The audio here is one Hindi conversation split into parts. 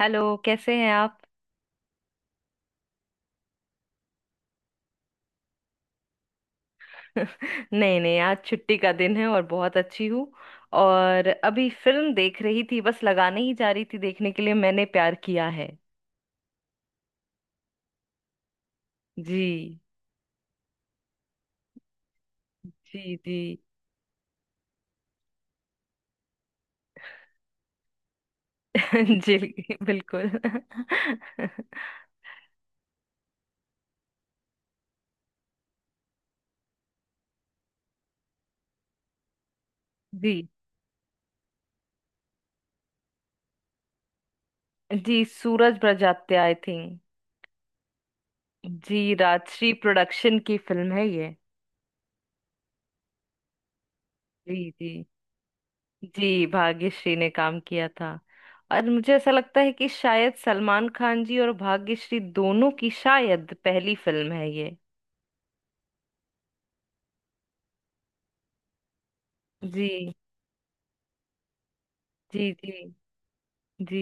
हेलो, कैसे हैं आप? नहीं नहीं, आज छुट्टी का दिन है और बहुत अच्छी हूँ। और अभी फिल्म देख रही थी, बस लगाने ही जा रही थी देखने के लिए, मैंने प्यार किया है। जी। जी जी। जी, बिल्कुल। जी जी, सूरज बड़जात्या आई थिंक। जी, राजश्री प्रोडक्शन की फिल्म है ये। जी जी, जी भाग्यश्री ने काम किया था। और मुझे ऐसा लगता है कि शायद सलमान खान जी और भाग्यश्री दोनों की शायद पहली फिल्म है ये। जी। जी। जी जी,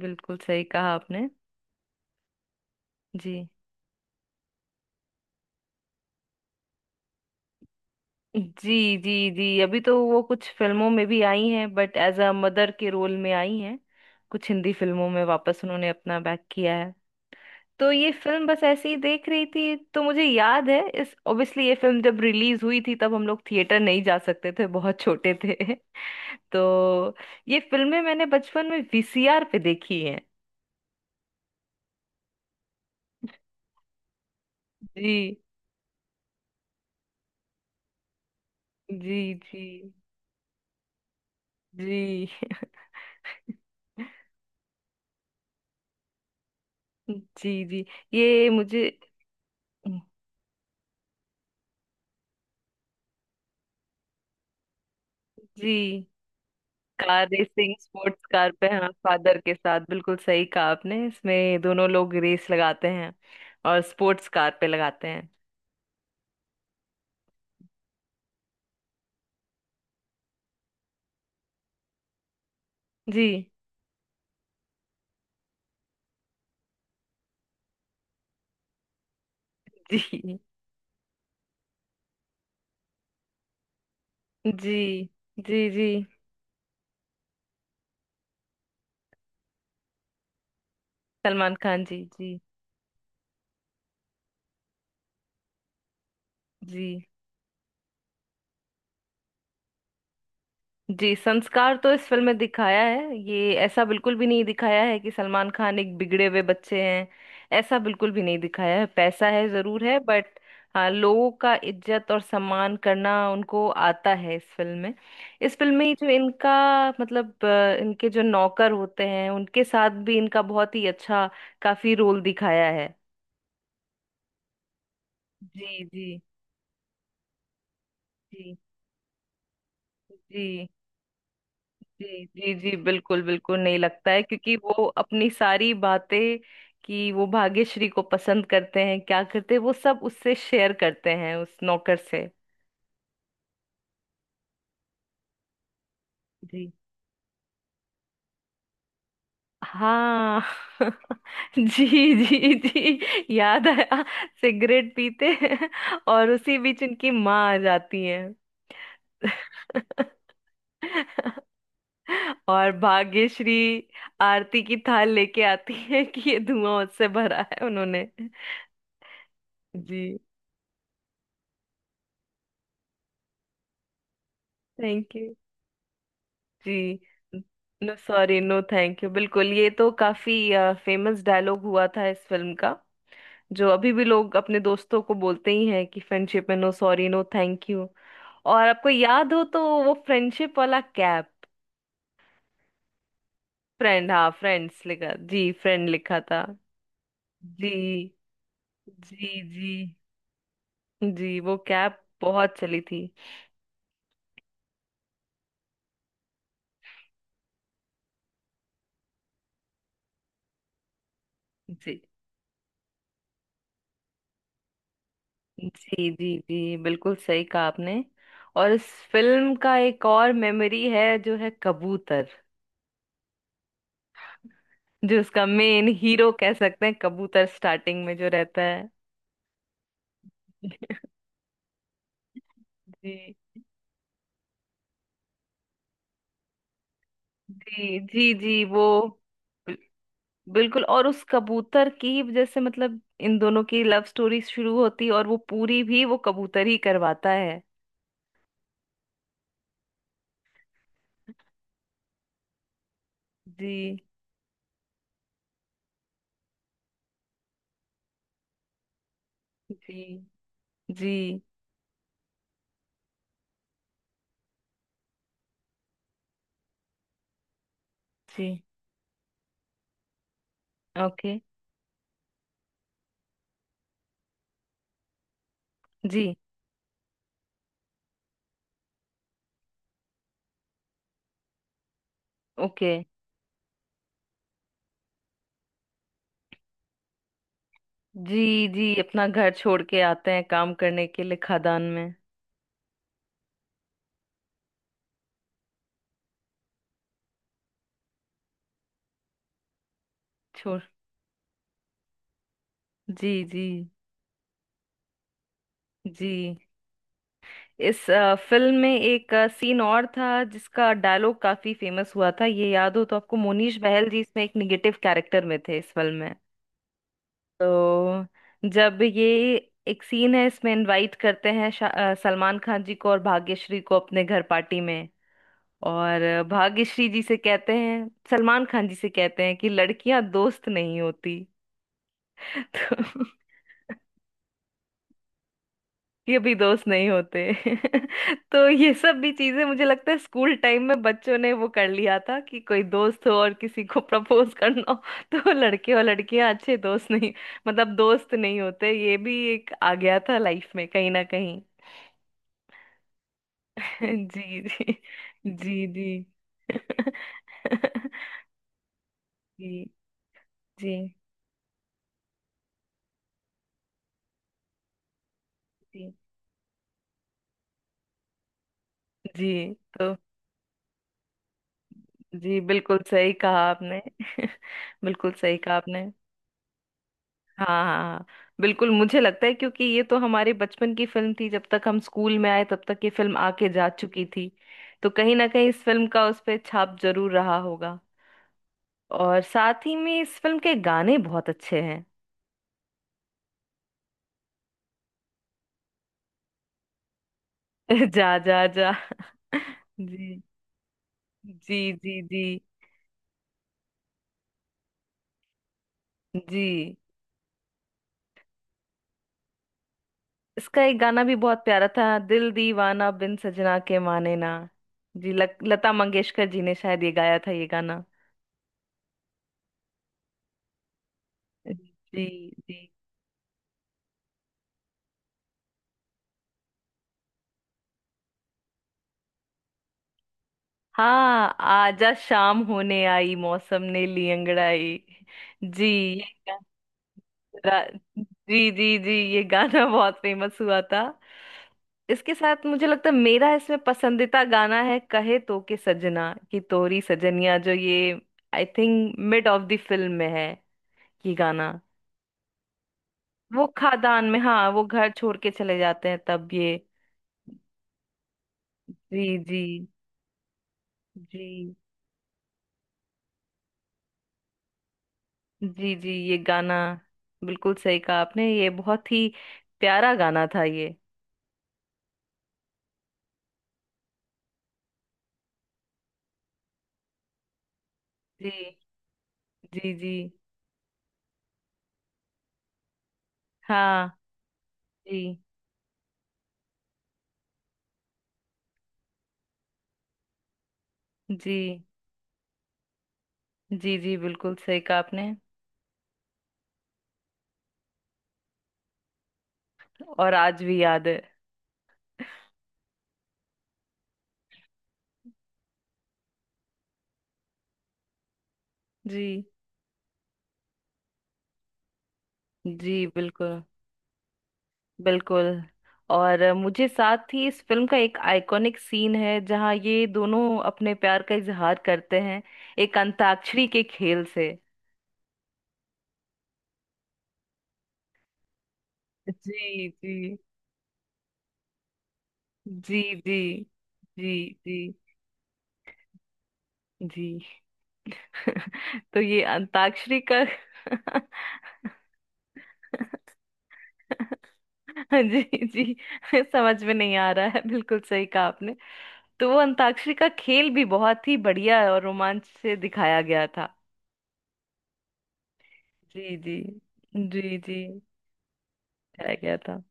बिल्कुल सही कहा आपने। जी जी जी। जी अभी तो वो कुछ फिल्मों में भी आई हैं, बट एज अ मदर के रोल में आई हैं। कुछ हिंदी फिल्मों में वापस उन्होंने अपना बैक किया है। तो ये फिल्म बस ऐसे ही देख रही थी। तो मुझे याद है इस, ऑब्वियसली ये फिल्म जब रिलीज हुई थी तब हम लोग थिएटर नहीं जा सकते थे, बहुत छोटे थे। तो ये फिल्में मैंने बचपन में वीसीआर पे देखी हैं। जी जी। जी जी। जी जी। ये मुझे। जी कार रेसिंग स्पोर्ट्स कार पे, हाँ, फादर के साथ, बिल्कुल सही कहा आपने, इसमें दोनों लोग रेस लगाते हैं। और स्पोर्ट्स कार पे लगाते हैं। जी। जी जी जी। जी सलमान खान जी। जी जी। जी संस्कार तो इस फिल्म में दिखाया है। ये ऐसा बिल्कुल भी नहीं दिखाया है कि सलमान खान एक बिगड़े हुए बच्चे हैं। ऐसा बिल्कुल भी नहीं दिखाया है। पैसा है, जरूर है, बट हाँ, लोगों का इज्जत और सम्मान करना उनको आता है इस फिल्म में। इस फिल्म में ही जो इनका मतलब इनके जो नौकर होते हैं उनके साथ भी इनका बहुत ही अच्छा काफी रोल दिखाया है। जी जी जी। जी। जी जी जी, बिल्कुल बिल्कुल नहीं लगता है क्योंकि वो अपनी सारी बातें कि वो भाग्यश्री को पसंद करते हैं, क्या करते हैं, वो सब उससे शेयर करते हैं उस नौकर से। जी। हाँ। जी। जी जी, याद आया। सिगरेट पीते हैं। और उसी बीच उनकी माँ आ जाती है। और भाग्यश्री आरती की थाल लेके आती है कि ये धुआं उससे भरा है उन्होंने। जी। Thank you. जी। No sorry no thank you. बिल्कुल, ये तो काफी फेमस डायलॉग हुआ था इस फिल्म का। जो अभी भी लोग अपने दोस्तों को बोलते ही हैं कि फ्रेंडशिप में no sorry no thank you. और आपको याद हो तो वो फ्रेंडशिप वाला कैप। फ्रेंड, हाँ, फ्रेंड्स लिखा, जी फ्रेंड लिखा था। जी जी जी। जी वो कैप बहुत चली थी। जी जी। जी जी, बिल्कुल सही कहा आपने। और इस फिल्म का एक और मेमोरी है, जो है कबूतर। जो उसका मेन हीरो कह सकते हैं, कबूतर स्टार्टिंग में जो रहता है। जी जी जी। जी वो बिल- बिल्कुल। और उस कबूतर की ही वजह से मतलब इन दोनों की लव स्टोरी शुरू होती, और वो पूरी भी वो कबूतर ही करवाता है। जी। जी जी। जी ओके। जी ओके। जी जी अपना घर छोड़ के आते हैं काम करने के लिए खदान में। छोड़। जी जी। जी इस फिल्म में एक सीन और था जिसका डायलॉग काफी फेमस हुआ था, ये याद हो तो आपको, मोनीश बहल जी इसमें एक निगेटिव कैरेक्टर में थे इस फिल्म में। तो जब ये एक सीन है इसमें, इनवाइट करते हैं सलमान खान जी को और भाग्यश्री को अपने घर पार्टी में। और भाग्यश्री जी से कहते हैं, सलमान खान जी से कहते हैं कि लड़कियां दोस्त नहीं होती। तो ये भी दोस्त नहीं होते। तो ये सब भी चीजें मुझे लगता है स्कूल टाइम में बच्चों ने वो कर लिया था कि कोई दोस्त हो और किसी को प्रपोज करना हो। तो लड़के और लड़कियां अच्छे दोस्त नहीं, मतलब दोस्त नहीं होते, ये भी एक आ गया था लाइफ में कहीं ना कहीं। जी जी। जी जी। जी। जी जी जी। तो जी, बिल्कुल सही कहा आपने। बिल्कुल सही कहा आपने। हाँ हाँ हाँ। बिल्कुल, मुझे लगता है क्योंकि ये तो हमारे बचपन की फिल्म थी, जब तक हम स्कूल में आए तब तक ये फिल्म आके जा चुकी थी। तो कहीं ना कहीं इस फिल्म का उस पे छाप जरूर रहा होगा। और साथ ही में इस फिल्म के गाने बहुत अच्छे हैं। जा जा जा। जी जी जी। जी जी। इसका एक गाना भी बहुत प्यारा था, दिल दीवाना बिन सजना के माने ना। जी लता मंगेशकर जी ने शायद ये गाया था ये गाना। जी। जी। हाँ आजा शाम होने आई मौसम ने ली अंगड़ाई। जी ये गाना। जी जी जी ये गाना बहुत फेमस हुआ था। इसके साथ मुझे लगता है मेरा इसमें पसंदीदा गाना है, कहे तो के सजना कि तोरी सजनिया, जो ये I think mid of the film में है ये गाना। वो खादान में, हाँ, वो घर छोड़ के चले जाते हैं तब ये। जी जी। जी जी। जी ये गाना, बिल्कुल सही कहा आपने, ये बहुत ही प्यारा गाना था ये। जी। जी। जी। हाँ। जी जी। जी जी, बिल्कुल सही कहा आपने। और आज भी याद है। जी। जी, बिल्कुल बिल्कुल। और मुझे साथ ही इस फिल्म का एक आइकॉनिक सीन है जहाँ ये दोनों अपने प्यार का इजहार करते हैं, एक अंताक्षरी के खेल से। जी जी। जी। जी। जी जी। जी। तो ये अंताक्षरी का। जी जी। समझ में नहीं आ रहा है, बिल्कुल सही कहा आपने। तो वो अंताक्षरी का खेल भी बहुत ही बढ़िया और रोमांच से दिखाया गया था। जी जी। जी जी। दिखाया गया था।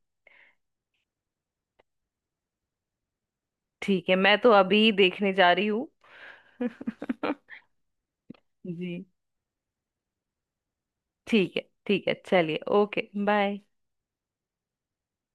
ठीक है, मैं तो अभी देखने जा रही हूँ। जी। ठीक है ठीक है, चलिए, ओके बाय।